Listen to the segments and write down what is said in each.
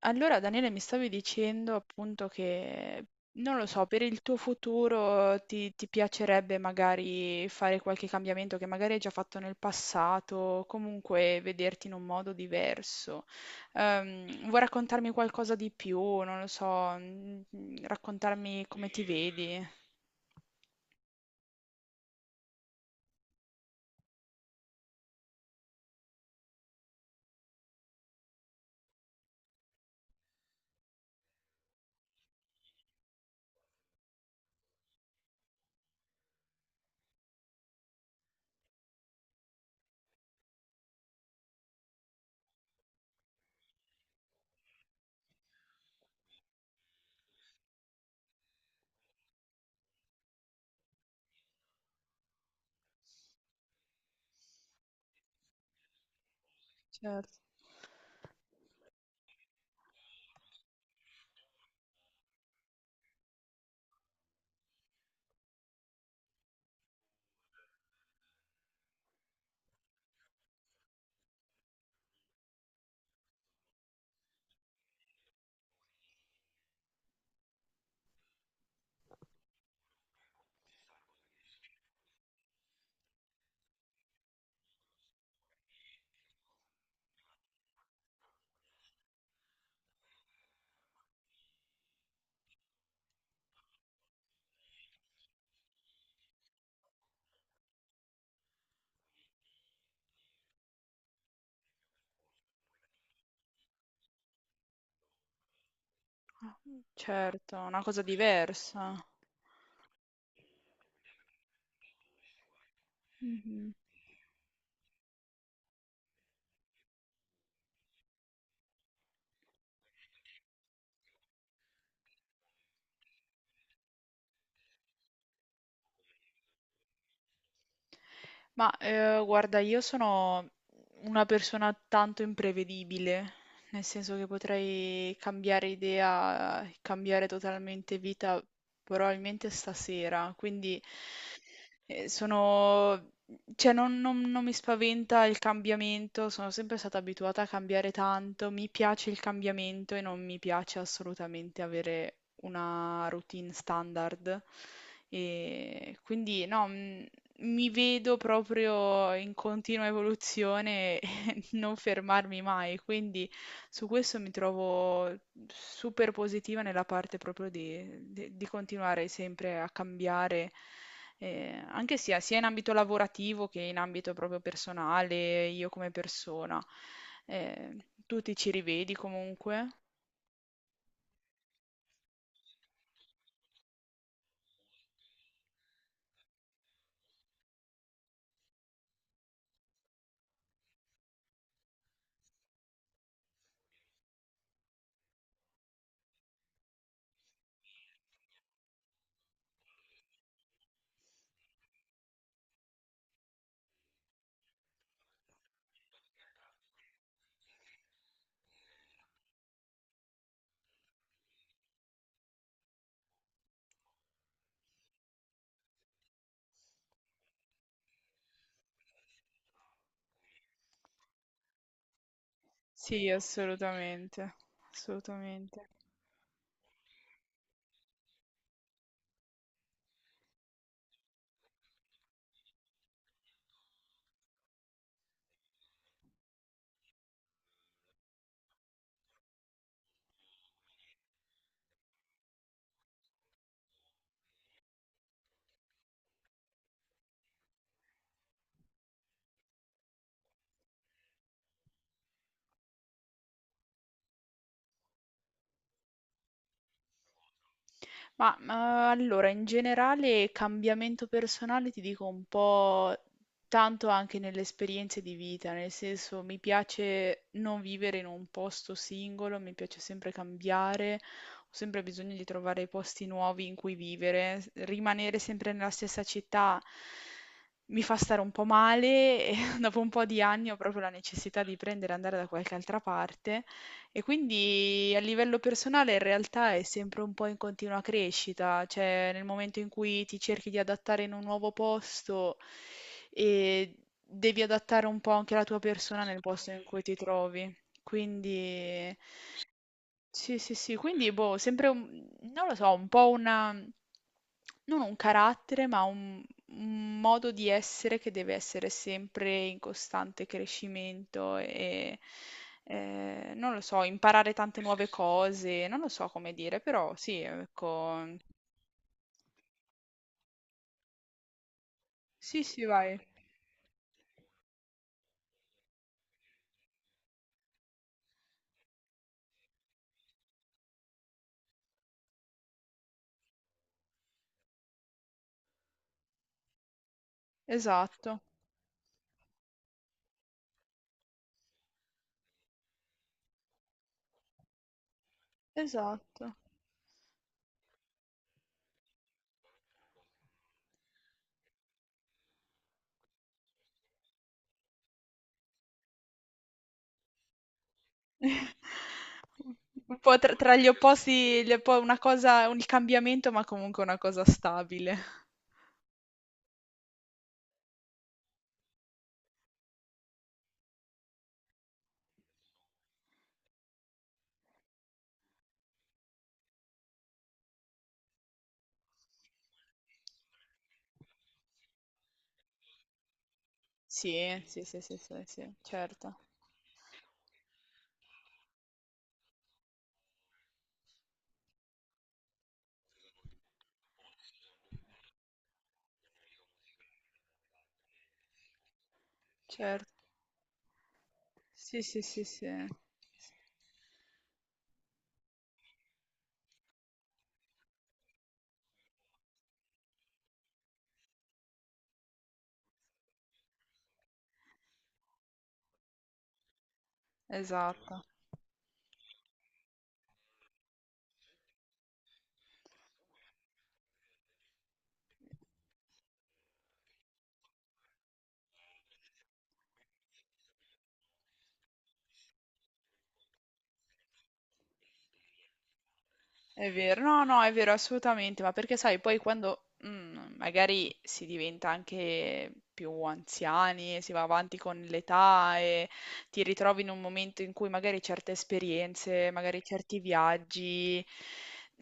Allora, Daniele, mi stavi dicendo appunto che, non lo so, per il tuo futuro ti piacerebbe magari fare qualche cambiamento che magari hai già fatto nel passato, comunque vederti in un modo diverso. Vuoi raccontarmi qualcosa di più? Non lo so, raccontarmi come ti vedi. Certo. Ah, certo, una cosa diversa. Mhm. Guarda, io sono una persona tanto imprevedibile, nel senso che potrei cambiare idea, cambiare totalmente vita, probabilmente stasera, quindi sono... Cioè, non mi spaventa il cambiamento, sono sempre stata abituata a cambiare tanto, mi piace il cambiamento e non mi piace assolutamente avere una routine standard. E quindi no, mi vedo proprio in continua evoluzione e non fermarmi mai, quindi su questo mi trovo super positiva nella parte proprio di, di continuare sempre a cambiare, anche sia, sia in ambito lavorativo che in ambito proprio personale, io come persona. Eh, Tu ti ci rivedi comunque? Sì, assolutamente, assolutamente. Ma allora, in generale, cambiamento personale ti dico un po' tanto anche nelle esperienze di vita, nel senso mi piace non vivere in un posto singolo, mi piace sempre cambiare, ho sempre bisogno di trovare posti nuovi in cui vivere, rimanere sempre nella stessa città mi fa stare un po' male e dopo un po' di anni ho proprio la necessità di prendere e andare da qualche altra parte. E quindi a livello personale in realtà è sempre un po' in continua crescita, cioè nel momento in cui ti cerchi di adattare in un nuovo posto e devi adattare un po' anche la tua persona nel posto in cui ti trovi. Quindi sì, sì, sì, quindi boh, sempre un, non lo so, un po' una, non un carattere, ma un modo di essere che deve essere sempre in costante crescimento e, non lo so, imparare tante nuove cose, non lo so come dire, però sì, ecco, sì, sì, vai, esatto, esatto. Un po' tra gli opposti, una cosa, un il cambiamento, ma comunque una cosa stabile. Sì, sì, sì, sì, sì, sì, certo, certo. Sì, sì, sì, sì. Esatto. È vero, no, no, è vero, assolutamente, ma perché sai, poi quando magari si diventa anche più anziani, si va avanti con l'età e ti ritrovi in un momento in cui magari certe esperienze, magari certi viaggi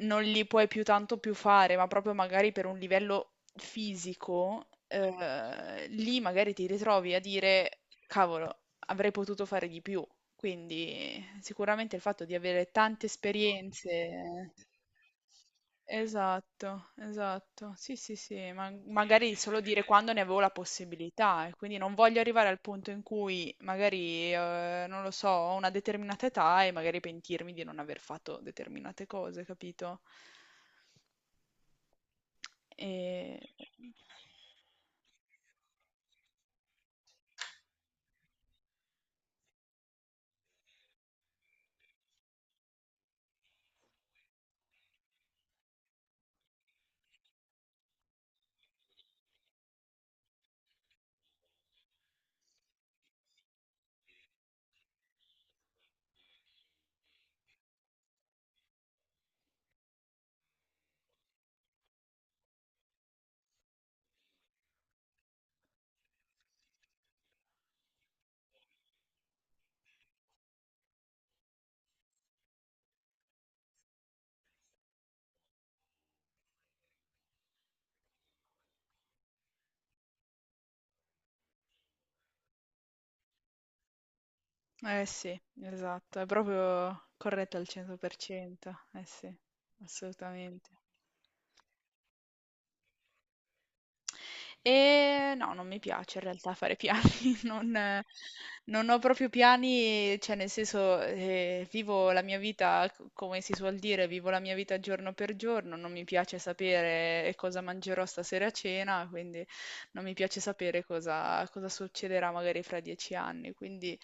non li puoi più tanto più fare, ma proprio magari per un livello fisico, lì magari ti ritrovi a dire, cavolo, avrei potuto fare di più. Quindi sicuramente il fatto di avere tante esperienze. Esatto, esatto. Sì, sì, sì, ma magari solo dire quando ne avevo la possibilità e quindi non voglio arrivare al punto in cui magari, non lo so, ho una determinata età e magari pentirmi di non aver fatto determinate cose, capito? E... Eh sì, esatto, è proprio corretto al 100%, eh sì, assolutamente. No, non mi piace in realtà fare piani, non eh, non ho proprio piani, cioè nel senso, vivo la mia vita, c come si suol dire, vivo la mia vita giorno per giorno, non mi piace sapere cosa mangerò stasera a cena, quindi non mi piace sapere cosa succederà magari fra 10 anni, quindi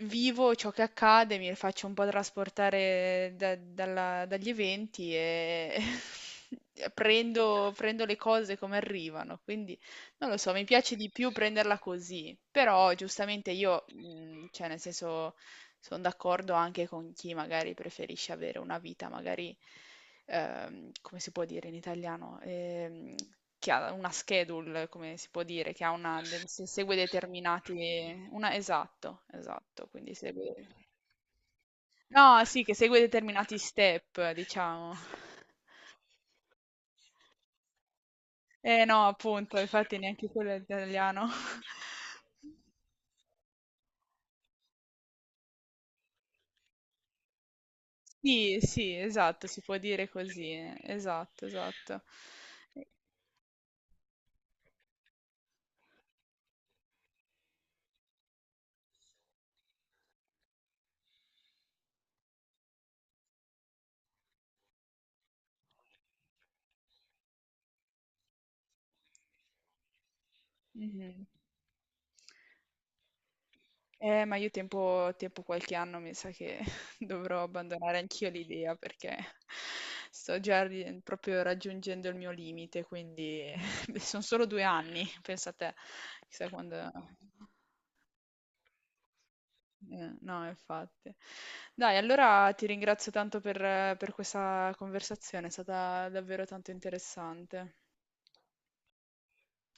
vivo ciò che accade, mi faccio un po' trasportare dagli eventi e prendo le cose come arrivano. Quindi non lo so, mi piace di più prenderla così. Però giustamente io, cioè nel senso, sono d'accordo anche con chi magari preferisce avere una vita magari come si può dire in italiano, che ha una schedule, come si può dire, che ha una, de- se- segue determinati, una, esatto, esatto, quindi segue, no, sì, che segue determinati step, diciamo. Eh no, appunto, infatti neanche quello è italiano. Sì, sì, esatto, si può dire così, esatto, esatto. Mhm. Ma io tempo qualche anno mi sa che dovrò abbandonare anch'io l'idea perché sto già proprio raggiungendo il mio limite, quindi sono solo 2 anni, pensa te, chissà quando... Eh, no, infatti. Dai, allora ti ringrazio tanto per questa conversazione, è stata davvero tanto interessante.